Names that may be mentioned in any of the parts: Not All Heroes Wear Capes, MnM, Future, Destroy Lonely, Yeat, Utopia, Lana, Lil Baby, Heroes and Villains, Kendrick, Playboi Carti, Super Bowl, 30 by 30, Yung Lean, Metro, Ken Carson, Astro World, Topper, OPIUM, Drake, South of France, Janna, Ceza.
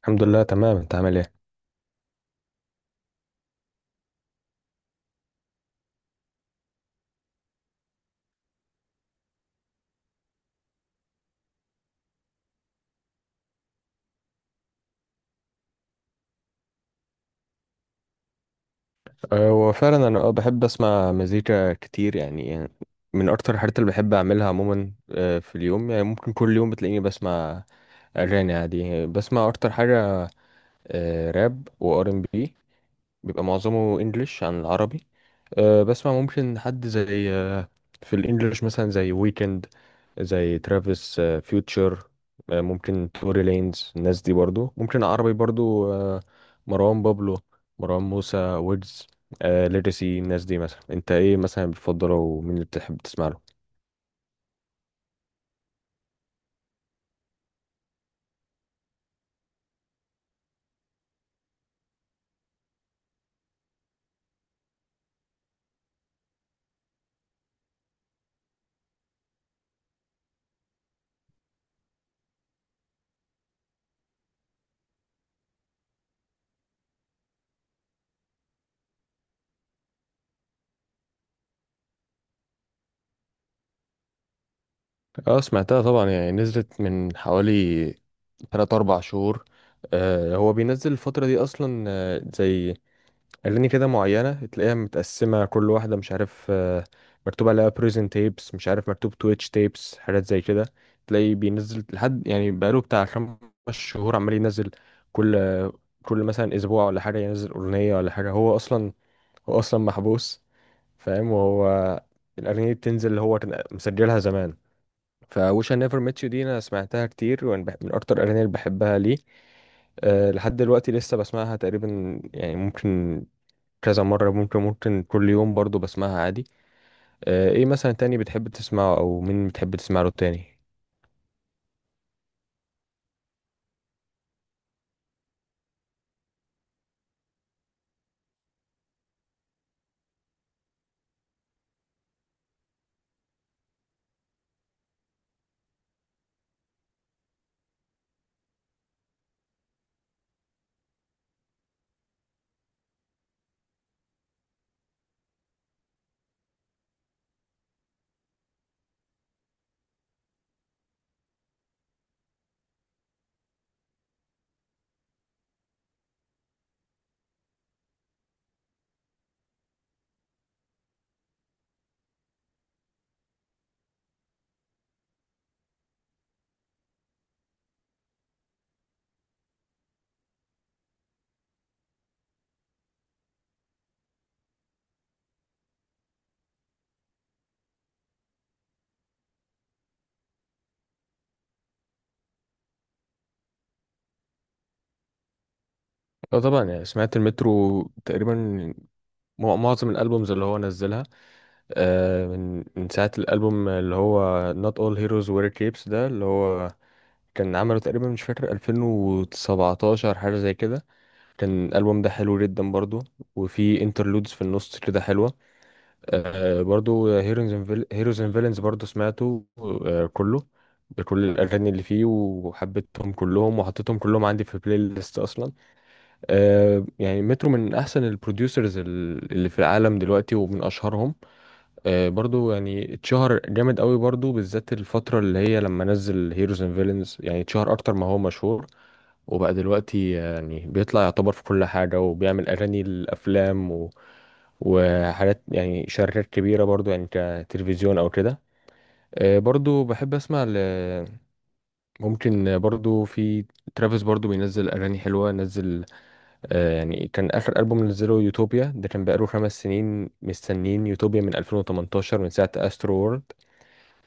الحمد لله تمام، انت عامل ايه؟ وفعلا انا بحب اسمع مزيكا كتير، يعني من اكتر الحاجات اللي بحب اعملها عموما في اليوم. يعني ممكن كل يوم بتلاقيني بسمع اغاني عادي، بسمع اكتر حاجه راب وار ام بي، بيبقى معظمه انجليش عن العربي. بسمع ممكن حد زي، في الانجليش مثلا زي ويكند، زي ترافيس، فيوتشر، ممكن توري لينز. الناس دي برضو ممكن عربي برضو، مروان بابلو، مروان موسى، ويجز، ليجاسي. الناس دي مثلا، انت ايه مثلا بتفضله ومين اللي بتحب تسمع له؟ اه سمعتها طبعا، يعني نزلت من حوالي 3 4 شهور. هو بينزل الفترة دي اصلا، زي أغاني كده معينة تلاقيها متقسمة، كل واحدة مش عارف، مكتوب عليها بريزن تيبس، مش عارف مكتوب تويتش تيبس، حاجات زي كده. تلاقيه بينزل لحد يعني بقاله بتاع خمس شهور عمال ينزل، كل كل مثلا أسبوع ولا حاجة ينزل أغنية ولا حاجة. هو أصلا محبوس، فاهم، وهو الأغنية دي بتنزل اللي هو كان مسجلها زمان. فوش I نيفر ميت يو دي أنا سمعتها كتير، ومن من أكتر الأغاني اللي بحبها ليه. أه لحد دلوقتي لسه بسمعها، تقريبا يعني ممكن كذا مرة، ممكن كل يوم برضو بسمعها عادي. ايه مثلا تاني بتحب تسمعه او مين بتحب تسمع له تاني؟ اه طبعا، يعني سمعت المترو تقريبا، معظم الالبومز اللي هو نزلها. من ساعة الالبوم اللي هو Not All Heroes Wear Capes، ده اللي هو كان عمله تقريبا، مش فاكر 2017 حاجة زي كده. كان الالبوم ده حلو جدا برضو، وفي انترلودز في النص كده حلوة. آه برضو هيروز اند فيلنز برضو سمعته، آه كله، بكل الأغاني اللي فيه، وحبيتهم كلهم وحطيتهم كلهم عندي في البلاي ليست أصلا. آه يعني مترو من أحسن البروديوسرز اللي في العالم دلوقتي ومن أشهرهم. آه برضو يعني اتشهر جامد قوي برضو، بالذات الفترة اللي هي لما نزل هيروز اند فيلنز، يعني اتشهر أكتر ما هو مشهور. وبقى دلوقتي يعني بيطلع يعتبر في كل حاجة، وبيعمل أغاني للأفلام و... وحاجات، يعني شركات كبيرة برضو، يعني كتلفزيون أو كده. برضو بحب أسمع ل ممكن برضو في ترافيس، برضو بينزل أغاني حلوة. نزل، يعني كان آخر ألبوم نزله يوتوبيا، ده كان بقاله خمس سنين مستنين يوتوبيا من 2018 من ساعة أسترو وورلد.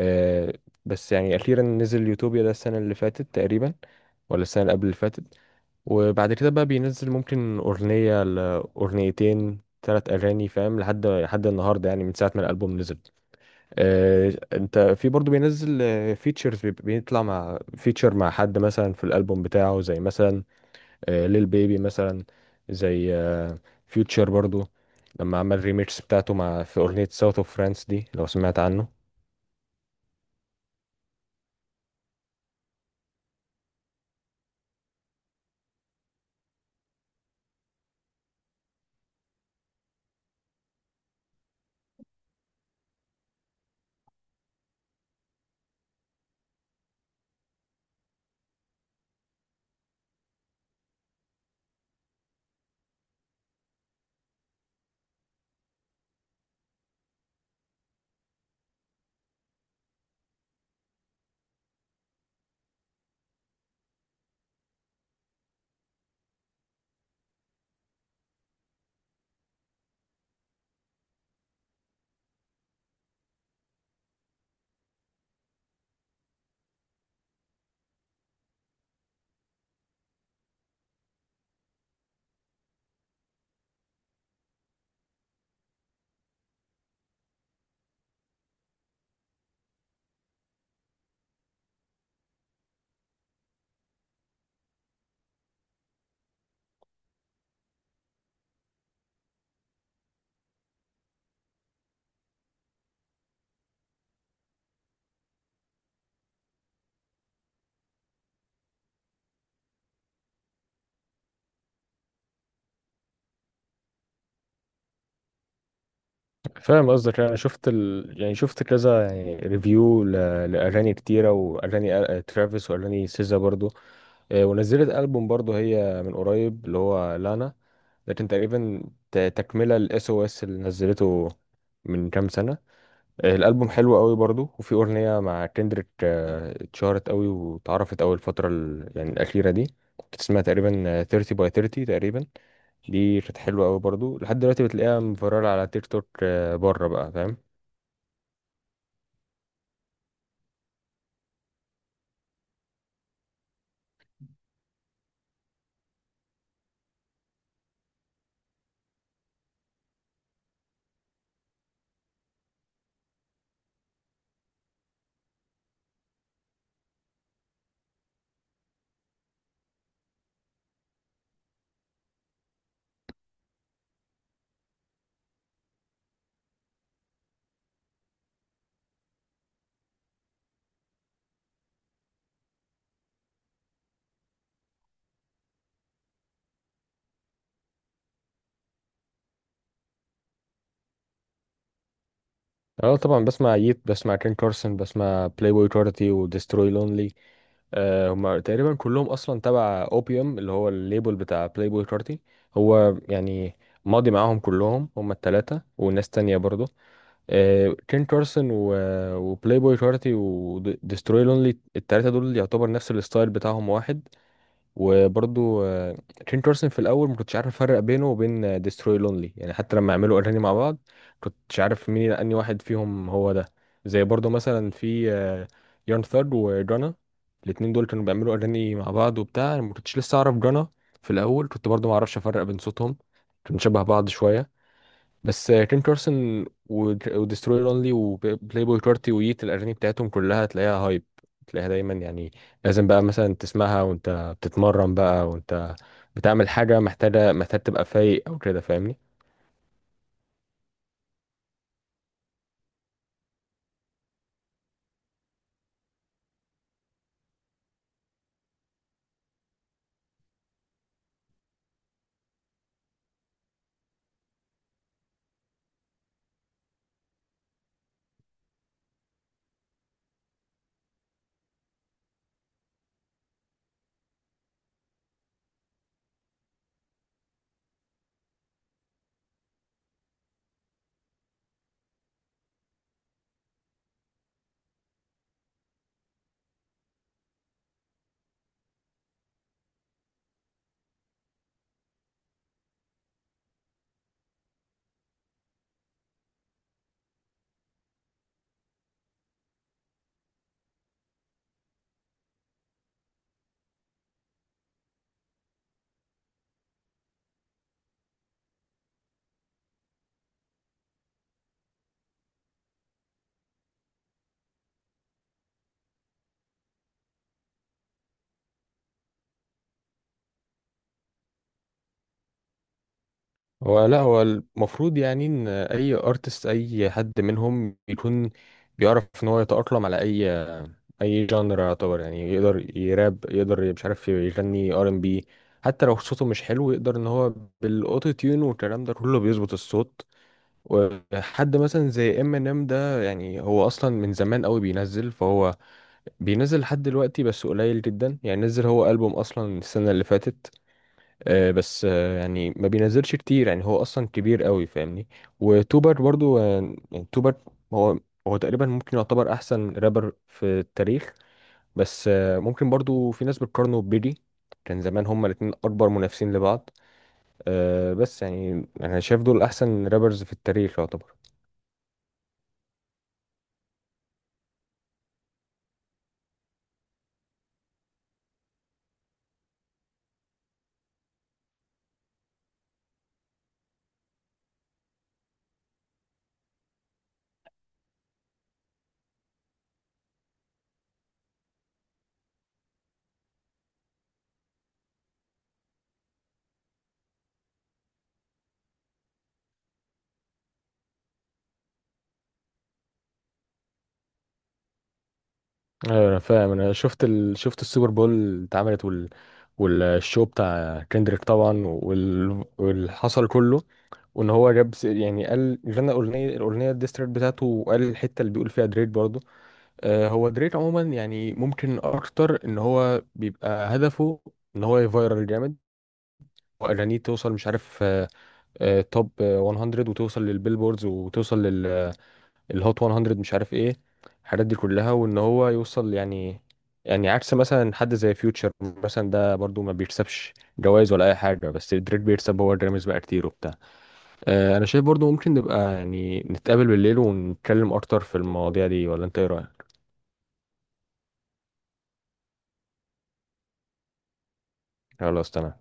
آه، بس يعني أخيرا نزل يوتوبيا ده السنة اللي فاتت تقريبا، ولا السنة اللي قبل اللي فاتت. وبعد كده بقى بينزل ممكن أغنية لأغنيتين ثلاث أغاني، فاهم، لحد النهاردة يعني من ساعة ما الألبوم نزل. آه أنت في برضه بينزل فيتشرز، بيطلع مع فيتشر مع حد مثلا في الألبوم بتاعه، زي مثلا آه ليل بيبي مثلا، زي آه فيوتشر برضه، لما عمل ريميكس بتاعته مع في أغنية ساوث اوف فرانس دي، لو سمعت عنه. فاهم قصدك، انا شفت ال يعني شفت كذا يعني ريفيو ل لاغاني كتيره واغاني، ترافيس واغاني سيزا برضو. ونزلت ألبوم برضو هي من قريب اللي هو لانا، ده كان تقريبا تكملة للاس او اس اللي نزلته من كام سنة. الألبوم حلو قوي برضو، وفي أغنية مع كندريك اتشهرت قوي واتعرفت أوي الفترة ال يعني الأخيرة دي. كانت اسمها تقريبا، 30 by 30 تقريبا. دي كانت حلوة قوي برضو، لحد دلوقتي بتلاقيها مفررة على تيك توك، بره بقى، فاهم. اه طبعا، بسمع ييت، بسمع كين كارسون، بسمع بلاي بوي كارتي وديستروي لونلي. هما تقريبا كلهم اصلا تبع اوبيوم اللي هو الليبل بتاع بلاي بوي كارتي. هو يعني ماضي معاهم كلهم، هما التلاتة وناس تانية برضه. كين كارسون وبلاي بوي كارتي وديستروي لونلي، التلاتة دول يعتبر نفس الستايل بتاعهم واحد. وبرضو تشين كارسون في الاول ما كنتش عارف افرق بينه وبين ديستروي لونلي، يعني حتى لما عملوا اغاني مع بعض كنتش عارف مين اني واحد فيهم هو ده. زي برضو مثلا في يارن ثرد وجانا، الاتنين دول كانوا بيعملوا اغاني مع بعض وبتاع. أنا ما كنتش لسه اعرف جانا في الاول، كنت برضو ما اعرفش افرق بين صوتهم، كانوا شبه بعض شويه. بس كين كارسون ودستروير اونلي وبلاي بوي كارتي ويت الاغاني بتاعتهم كلها تلاقيها هايب، تلاقيها دايما يعني لازم بقى مثلا تسمعها وانت بتتمرن، بقى وانت بتعمل حاجه محتاجه، محتاج تبقى فايق او كده، فاهمني. هو لا، هو المفروض يعني ان اي ارتست، اي حد منهم يكون بيعرف ان هو يتاقلم على اي جانر يعتبر، يعني يقدر يراب، يقدر مش عارف يغني ار ام بي، حتى لو صوته مش حلو يقدر ان هو بالاوتو تيون والكلام ده كله بيظبط الصوت. وحد مثلا زي ام ان ام ده، يعني هو اصلا من زمان قوي بينزل، فهو بينزل لحد دلوقتي بس قليل جدا، يعني نزل هو البوم اصلا السنه اللي فاتت. بس يعني ما بينزلش كتير يعني هو اصلا كبير قوي، فاهمني. وتوبر برضو، يعني توبر هو هو تقريبا ممكن يعتبر احسن رابر في التاريخ. بس ممكن برضو في ناس بتقارنه ببيلي، كان زمان هما الاتنين اكبر منافسين لبعض. بس يعني انا شايف دول احسن رابرز في التاريخ يعتبر. ايوه انا فاهم، انا شفت ال شفت السوبر بول اللي اتعملت وال والشو بتاع كندريك طبعا، وال واللي حصل كله. وان هو جاب يعني قال غنى اغنيه، الاغنيه الديستريت بتاعته، وقال الحته اللي بيقول فيها دريك برضه. هو دريك عموما، يعني ممكن اكتر ان هو بيبقى هدفه ان هو يفايرل جامد، اغانيه توصل مش عارف، توب 100، وتوصل للبيلبوردز وتوصل للهوت 100، مش عارف ايه الحاجات دي كلها، وان هو يوصل. يعني عكس مثلا حد زي فيوتشر مثلا، ده برضو ما بيكسبش جوائز ولا اي حاجه، بس دريك بيكسب هو جراميز بقى كتير وبتاع. انا شايف برضو ممكن نبقى يعني نتقابل بالليل ونتكلم اكتر في المواضيع دي، ولا انت ايه رايك؟ خلاص تمام.